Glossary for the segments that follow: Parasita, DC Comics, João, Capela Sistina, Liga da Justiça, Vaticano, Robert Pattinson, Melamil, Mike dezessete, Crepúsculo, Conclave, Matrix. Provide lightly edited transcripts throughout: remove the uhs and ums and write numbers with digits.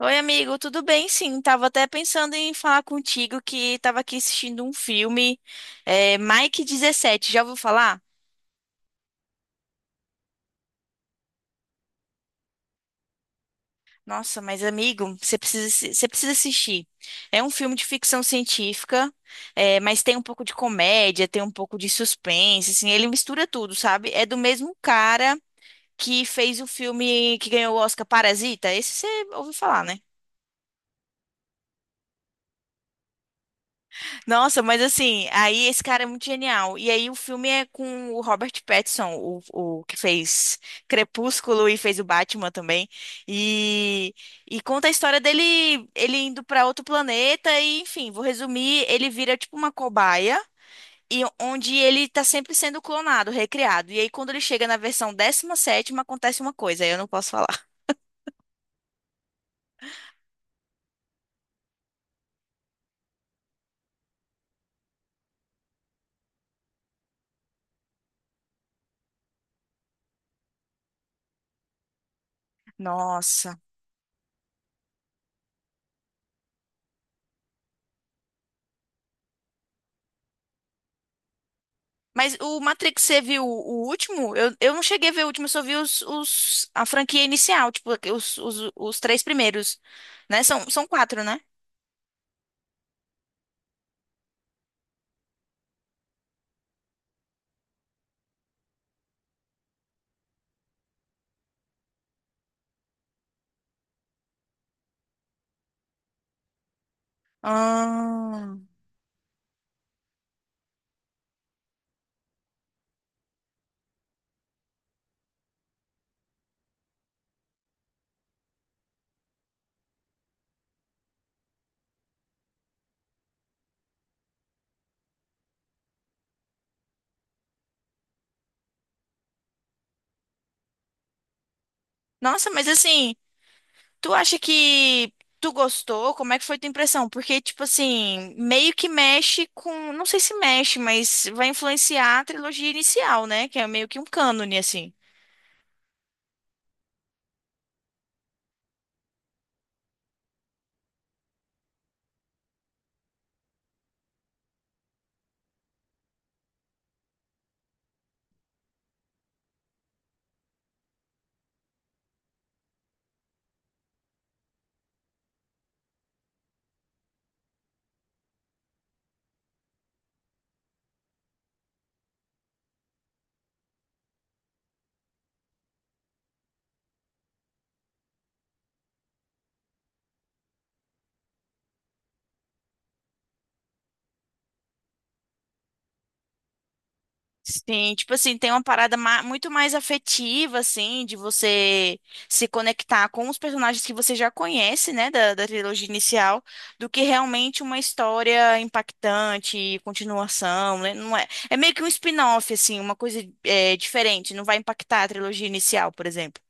Oi, amigo, tudo bem? Sim, tava até pensando em falar contigo que tava aqui assistindo um filme, Mike 17. Já ouviu falar? Nossa, mas amigo, você precisa, você precisa assistir. É um filme de ficção científica, mas tem um pouco de comédia, tem um pouco de suspense, assim, ele mistura tudo, sabe? É do mesmo cara que fez o filme que ganhou o Oscar Parasita, esse você ouviu falar, né? Nossa, mas assim, aí esse cara é muito genial. E aí o filme é com o Robert Pattinson, o que fez Crepúsculo e fez o Batman também. E, e conta a história dele, ele indo pra outro planeta e, enfim, vou resumir, ele vira tipo uma cobaia e onde ele tá sempre sendo clonado, recriado. E aí quando ele chega na versão décima sétima acontece uma coisa, aí eu não posso falar. Nossa. Mas o Matrix, você viu o último? Eu não cheguei a ver o último, eu só vi a franquia inicial, tipo, os 3 primeiros, né? São, são quatro, né? Ah, nossa, mas assim, tu acha que tu gostou? Como é que foi tua impressão? Porque, tipo assim, meio que mexe com. Não sei se mexe, mas vai influenciar a trilogia inicial, né? Que é meio que um cânone, assim. Sim, tipo assim, tem uma parada muito mais afetiva, assim, de você se conectar com os personagens que você já conhece, né, da trilogia inicial, do que realmente uma história impactante, continuação, né? Não é, é meio que um spin-off, assim, uma coisa diferente, não vai impactar a trilogia inicial, por exemplo.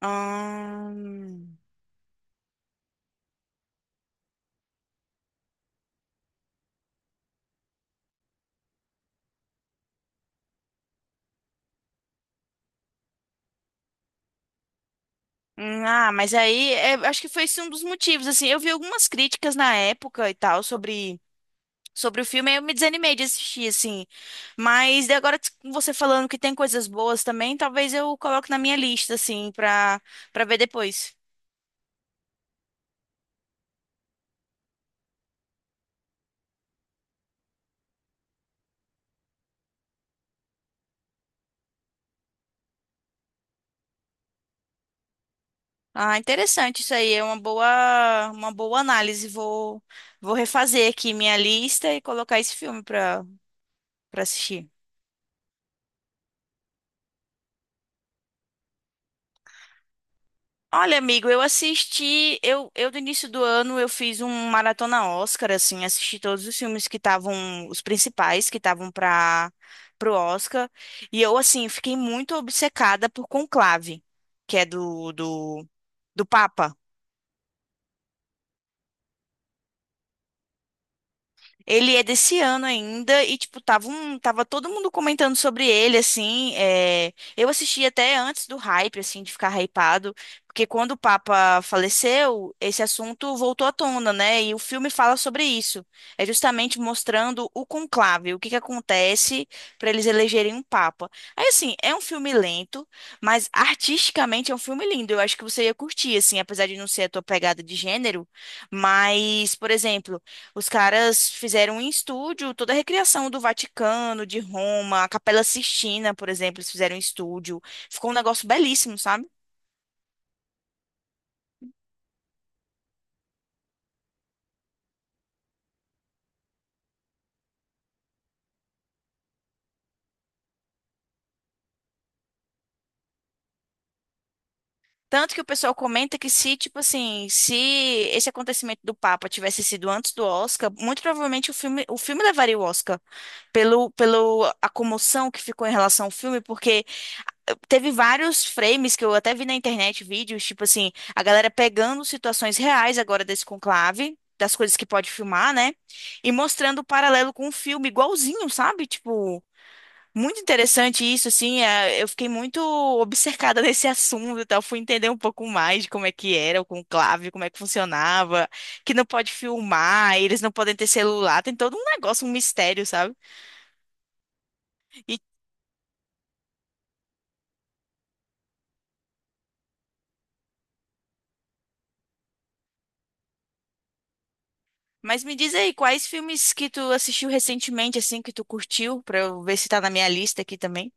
Ahn, Ah, mas acho que foi esse um dos motivos, assim, eu vi algumas críticas na época e tal sobre o filme, aí eu me desanimei de assistir, assim. Mas daí agora com você falando que tem coisas boas também, talvez eu coloque na minha lista, assim, pra ver depois. Ah, interessante isso aí, é uma boa análise. Vou refazer aqui minha lista e colocar esse filme pra assistir. Olha, amigo, eu assisti, eu do início do ano eu fiz um maratona Oscar, assim, assisti todos os filmes que estavam, os principais que estavam para pro Oscar, e eu, assim, fiquei muito obcecada por Conclave, que é do Papa. Ele é desse ano ainda e, tipo, tava todo mundo comentando sobre ele, assim. Eu assisti até antes do hype, assim, de ficar hypado, porque quando o Papa faleceu, esse assunto voltou à tona, né? E o filme fala sobre isso. É justamente mostrando o conclave, o que que acontece para eles elegerem um Papa. Aí, assim, é um filme lento, mas artisticamente é um filme lindo. Eu acho que você ia curtir, assim, apesar de não ser a tua pegada de gênero. Mas, por exemplo, os caras fizeram em estúdio toda a recriação do Vaticano, de Roma, a Capela Sistina, por exemplo, eles fizeram em estúdio. Ficou um negócio belíssimo, sabe? Tanto que o pessoal comenta que se, tipo assim, se esse acontecimento do Papa tivesse sido antes do Oscar, muito provavelmente o filme levaria o Oscar pelo, pelo a comoção que ficou em relação ao filme, porque teve vários frames que eu até vi na internet, vídeos, tipo assim, a galera pegando situações reais agora desse conclave, das coisas que pode filmar, né? E mostrando o paralelo com o filme igualzinho, sabe? Tipo, muito interessante isso, assim. Eu fiquei muito obcecada nesse assunto e tal. Fui entender um pouco mais de como é que era o conclave, como é que funcionava, que não pode filmar, eles não podem ter celular, tem todo um negócio, um mistério, sabe? Mas me diz aí, quais filmes que tu assistiu recentemente, assim, que tu curtiu, pra eu ver se tá na minha lista aqui também.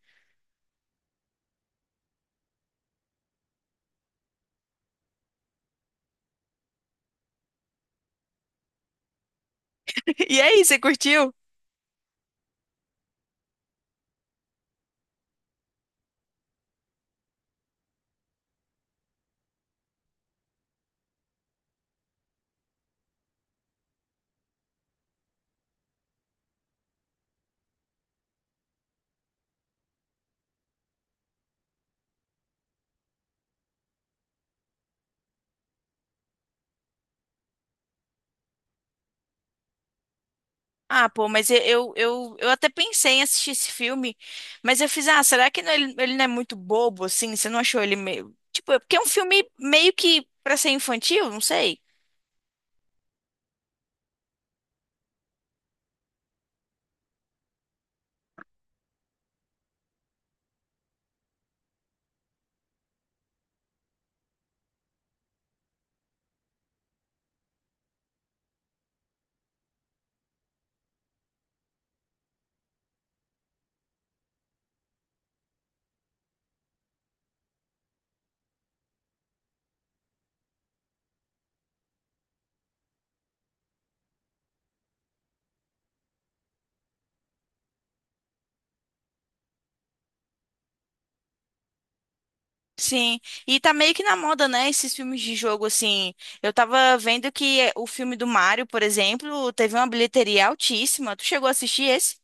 E aí, você curtiu? Ah, pô, mas eu até pensei em assistir esse filme, mas eu fiz, ah, será que ele, ele não é muito bobo, assim? Você não achou ele meio. Tipo, é porque é um filme meio que pra ser infantil, não sei. Sim, e tá meio que na moda, né? Esses filmes de jogo, assim. Eu tava vendo que o filme do Mario, por exemplo, teve uma bilheteria altíssima. Tu chegou a assistir esse?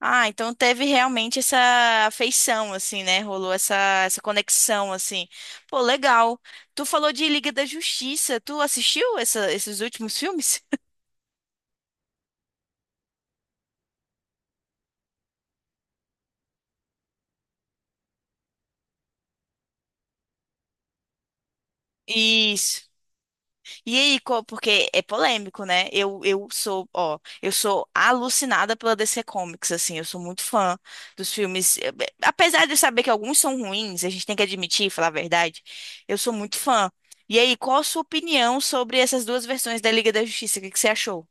Ah, então teve realmente essa afeição, assim, né? Rolou essa conexão, assim. Pô, legal. Tu falou de Liga da Justiça. Tu assistiu esses últimos filmes? Isso. E aí, porque é polêmico, né? Eu sou, ó, eu sou alucinada pela DC Comics, assim, eu sou muito fã dos filmes. Apesar de eu saber que alguns são ruins, a gente tem que admitir, falar a verdade, eu sou muito fã. E aí, qual a sua opinião sobre essas duas versões da Liga da Justiça? O que que você achou?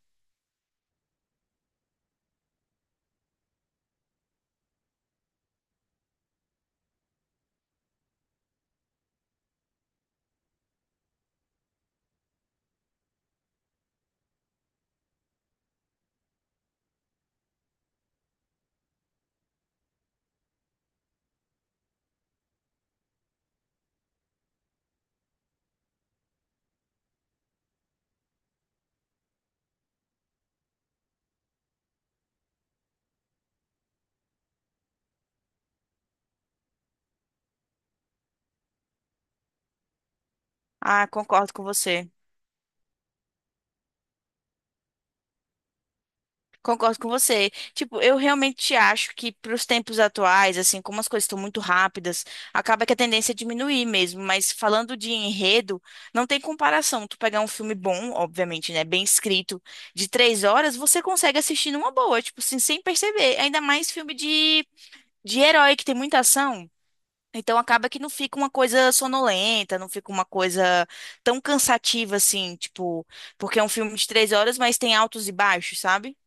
Ah, concordo com você. Concordo com você. Tipo, eu realmente acho que para os tempos atuais, assim, como as coisas estão muito rápidas, acaba que a tendência é diminuir mesmo. Mas falando de enredo, não tem comparação. Tu pegar um filme bom, obviamente, né, bem escrito, de 3 horas, você consegue assistir numa boa, tipo, assim, sem perceber. Ainda mais filme de herói que tem muita ação. Então acaba que não fica uma coisa sonolenta, não fica uma coisa tão cansativa assim, tipo, porque é um filme de 3 horas, mas tem altos e baixos, sabe?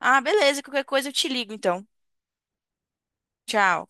Ah, beleza, qualquer coisa eu te ligo então. Tchau.